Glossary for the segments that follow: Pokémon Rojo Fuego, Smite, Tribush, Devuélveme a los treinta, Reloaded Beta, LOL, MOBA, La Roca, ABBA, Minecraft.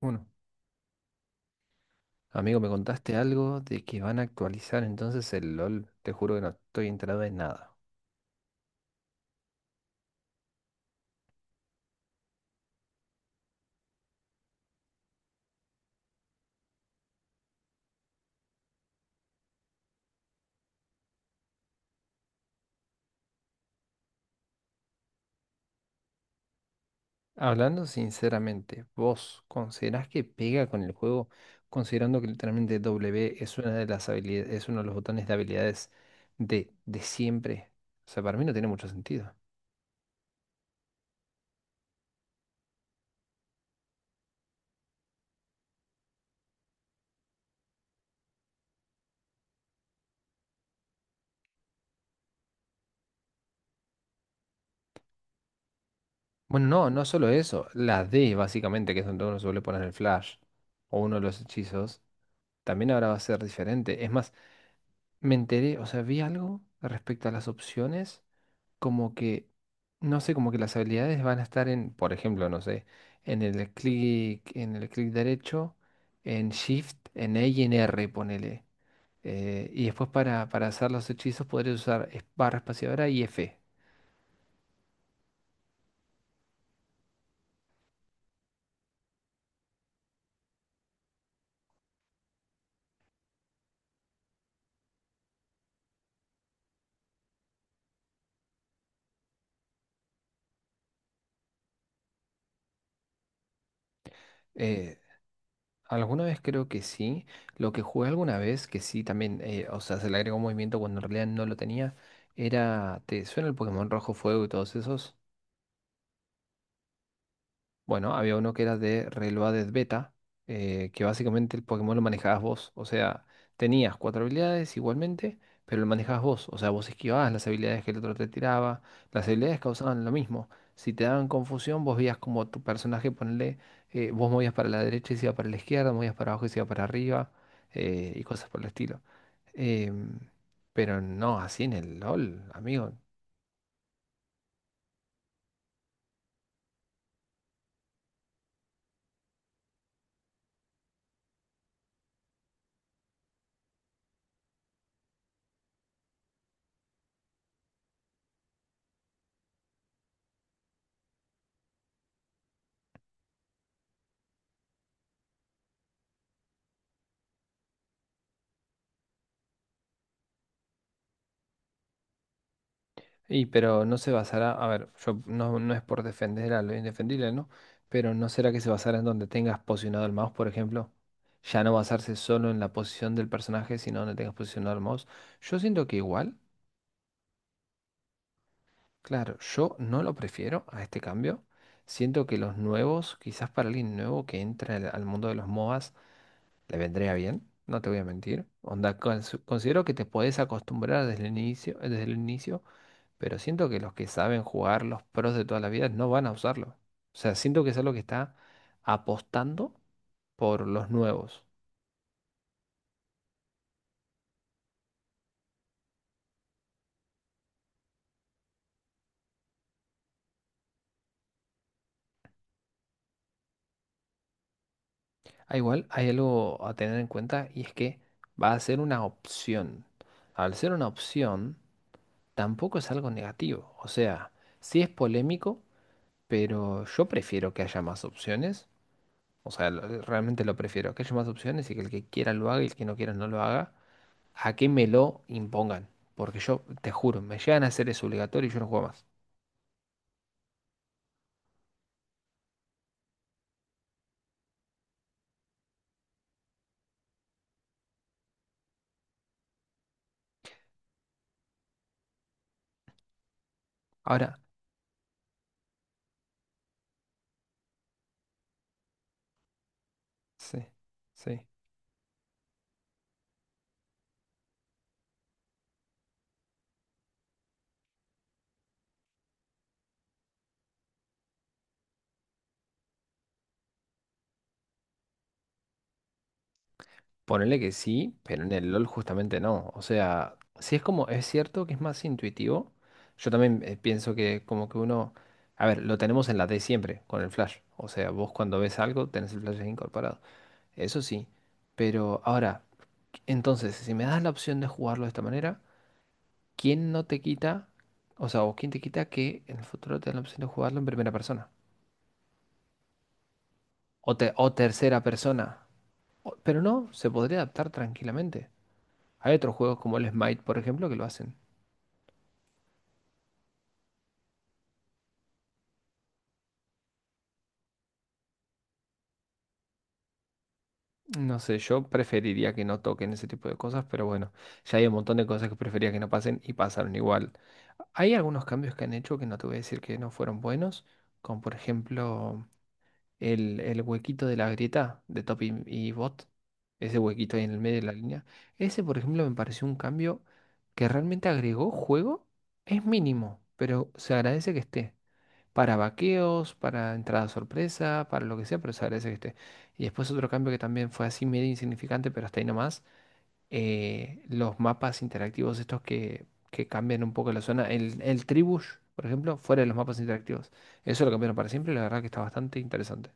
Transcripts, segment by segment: Uno. Amigo, me contaste algo de que van a actualizar entonces el LOL. Te juro que no estoy enterado de nada. Hablando sinceramente, ¿vos considerás que pega con el juego, considerando que literalmente W es una de las habilidades, es uno de los botones de habilidades de siempre? O sea, para mí no tiene mucho sentido. Bueno, no solo eso, la D básicamente, que es donde uno suele poner el flash o uno de los hechizos, también ahora va a ser diferente. Es más, me enteré, o sea, vi algo respecto a las opciones, como que, no sé, como que las habilidades van a estar en, por ejemplo, no sé, en el clic derecho, en Shift, en E y en R, ponele. Y después para hacer los hechizos podré usar barra espaciadora y F. Eh, Alguna vez creo que sí. Lo que jugué alguna vez, que sí también, o sea, se le agregó un movimiento cuando en realidad no lo tenía, era, ¿te suena el Pokémon Rojo Fuego y todos esos? Bueno, había uno que era de Reloaded Beta, que básicamente el Pokémon lo manejabas vos. O sea, tenías cuatro habilidades igualmente, pero lo manejabas vos. O sea, vos esquivabas las habilidades que el otro te tiraba. Las habilidades causaban lo mismo. Si te daban confusión, vos veías como tu personaje, ponle, vos movías para la derecha y se iba para la izquierda, movías para abajo y se iba para arriba, y cosas por el estilo. Em, pero no así en el LOL, amigo. Y pero no se basará, a ver, yo no, no es por defender a lo indefendible, ¿no? Pero ¿no será que se basará en donde tengas posicionado el mouse, por ejemplo? Ya no basarse solo en la posición del personaje, sino donde tengas posicionado el mouse. Yo siento que igual, claro, yo no lo prefiero a este cambio. Siento que los nuevos, quizás para alguien nuevo que entra al mundo de los MOBAs, ¿te vendría bien? No te voy a mentir. Onda, considero que te podés acostumbrar desde el inicio, pero siento que los que saben jugar los pros de toda la vida no van a usarlo. O sea, siento que es algo que está apostando por los nuevos. Ah, igual hay algo a tener en cuenta y es que va a ser una opción. Al ser una opción, tampoco es algo negativo. O sea, sí es polémico, pero yo prefiero que haya más opciones. O sea, realmente lo prefiero. Que haya más opciones y que el que quiera lo haga y el que no quiera no lo haga. A que me lo impongan. Porque yo, te juro, me llegan a hacer eso obligatorio y yo no juego más. Ahora, sí, sí. Ponele que sí, pero en el LOL justamente no. O sea, sí es como, es cierto que es más intuitivo. Yo también pienso que como que uno... A ver, lo tenemos en la D siempre, con el flash. O sea, vos cuando ves algo tenés el flash ahí incorporado. Eso sí. Pero ahora, entonces, si me das la opción de jugarlo de esta manera... ¿quién no te quita, o sea, o quién te quita que en el futuro te den la opción de jugarlo en primera persona? O, o tercera persona. Pero no, se podría adaptar tranquilamente. Hay otros juegos como el Smite, por ejemplo, que lo hacen. No sé, yo preferiría que no toquen ese tipo de cosas, pero bueno, ya hay un montón de cosas que prefería que no pasen y pasaron igual. Hay algunos cambios que han hecho que no te voy a decir que no fueron buenos, como por ejemplo... el huequito de la grieta de top y bot, ese huequito ahí en el medio de la línea, ese por ejemplo me pareció un cambio que realmente agregó juego, es mínimo, pero se agradece que esté. Para vaqueos, para entrada sorpresa, para lo que sea, pero se agradece que esté. Y después otro cambio que también fue así medio insignificante, pero hasta ahí nomás, los mapas interactivos estos que cambian un poco la zona, el Tribush, por ejemplo, fuera de los mapas interactivos. Eso lo cambiaron para siempre, y la verdad que está bastante interesante.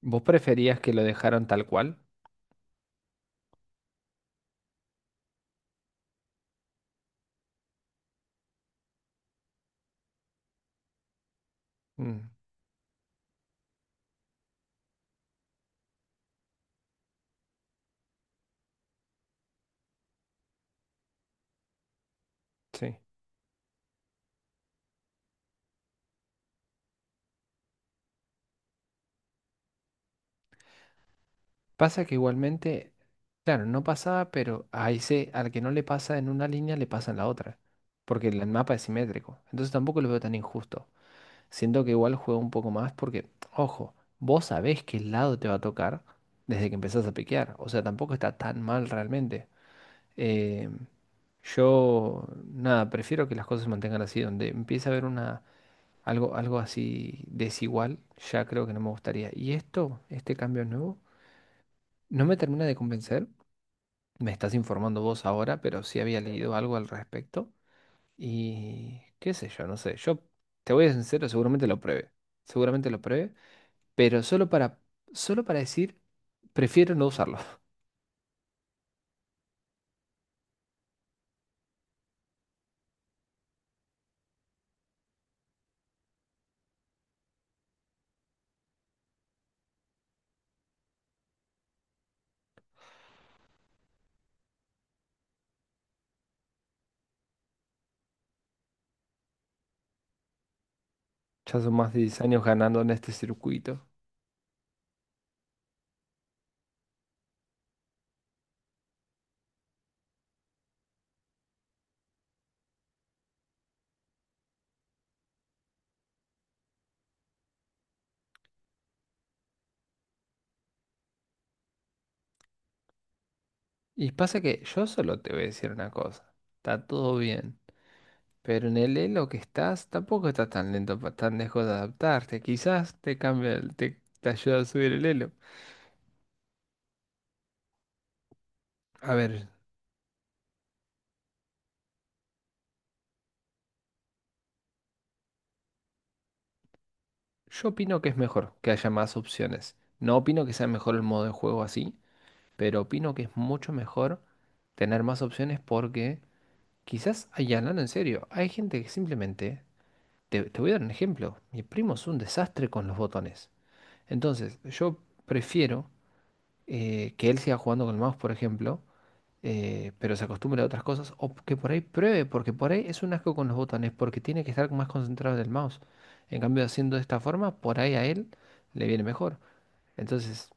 ¿Vos preferías que lo dejaron tal cual? Mm, sí. Pasa que igualmente, claro, no pasaba, pero a ese, al que no le pasa en una línea, le pasa en la otra. Porque el mapa es simétrico. Entonces tampoco lo veo tan injusto. Siento que igual juego un poco más porque, ojo, vos sabés qué lado te va a tocar desde que empezás a piquear. O sea, tampoco está tan mal realmente. Eh, yo, nada, prefiero que las cosas se mantengan así, donde empieza a haber una... Algo, algo así desigual, ya creo que no me gustaría. Y esto, este cambio nuevo, no me termina de convencer. Me estás informando vos ahora, pero sí había leído algo al respecto. Y qué sé yo, no sé. Yo te voy a ser sincero, seguramente lo pruebe. Seguramente lo pruebe, pero solo para, solo para decir, prefiero no usarlo. Ya son más de 10 años ganando en este circuito. Y pasa que yo solo te voy a decir una cosa. Está todo bien. Pero en el elo que estás tampoco estás tan lento, tan lejos de adaptarte. Quizás te cambia, te ayuda a subir el elo. A ver, yo opino que es mejor que haya más opciones. No opino que sea mejor el modo de juego así, pero opino que es mucho mejor tener más opciones porque quizás, ay, hablando en serio, hay gente que simplemente, te voy a dar un ejemplo, mi primo es un desastre con los botones. Entonces, yo prefiero que él siga jugando con el mouse, por ejemplo, pero se acostumbre a otras cosas, o que por ahí pruebe, porque por ahí es un asco con los botones, porque tiene que estar más concentrado en el mouse. En cambio, haciendo de esta forma, por ahí a él le viene mejor. Entonces,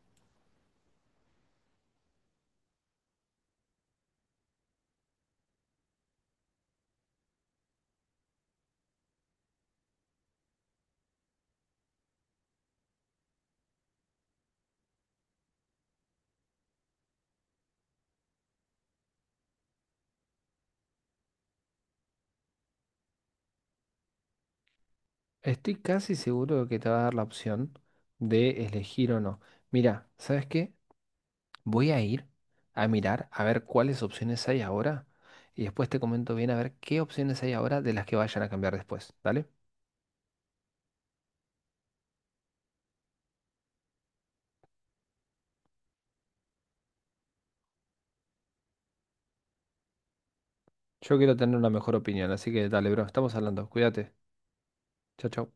estoy casi seguro que te va a dar la opción de elegir o no. Mira, ¿sabes qué? Voy a ir a mirar a ver cuáles opciones hay ahora y después te comento bien a ver qué opciones hay ahora de las que vayan a cambiar después, ¿dale? Yo quiero tener una mejor opinión, así que dale, bro, estamos hablando, cuídate. Chao, chao.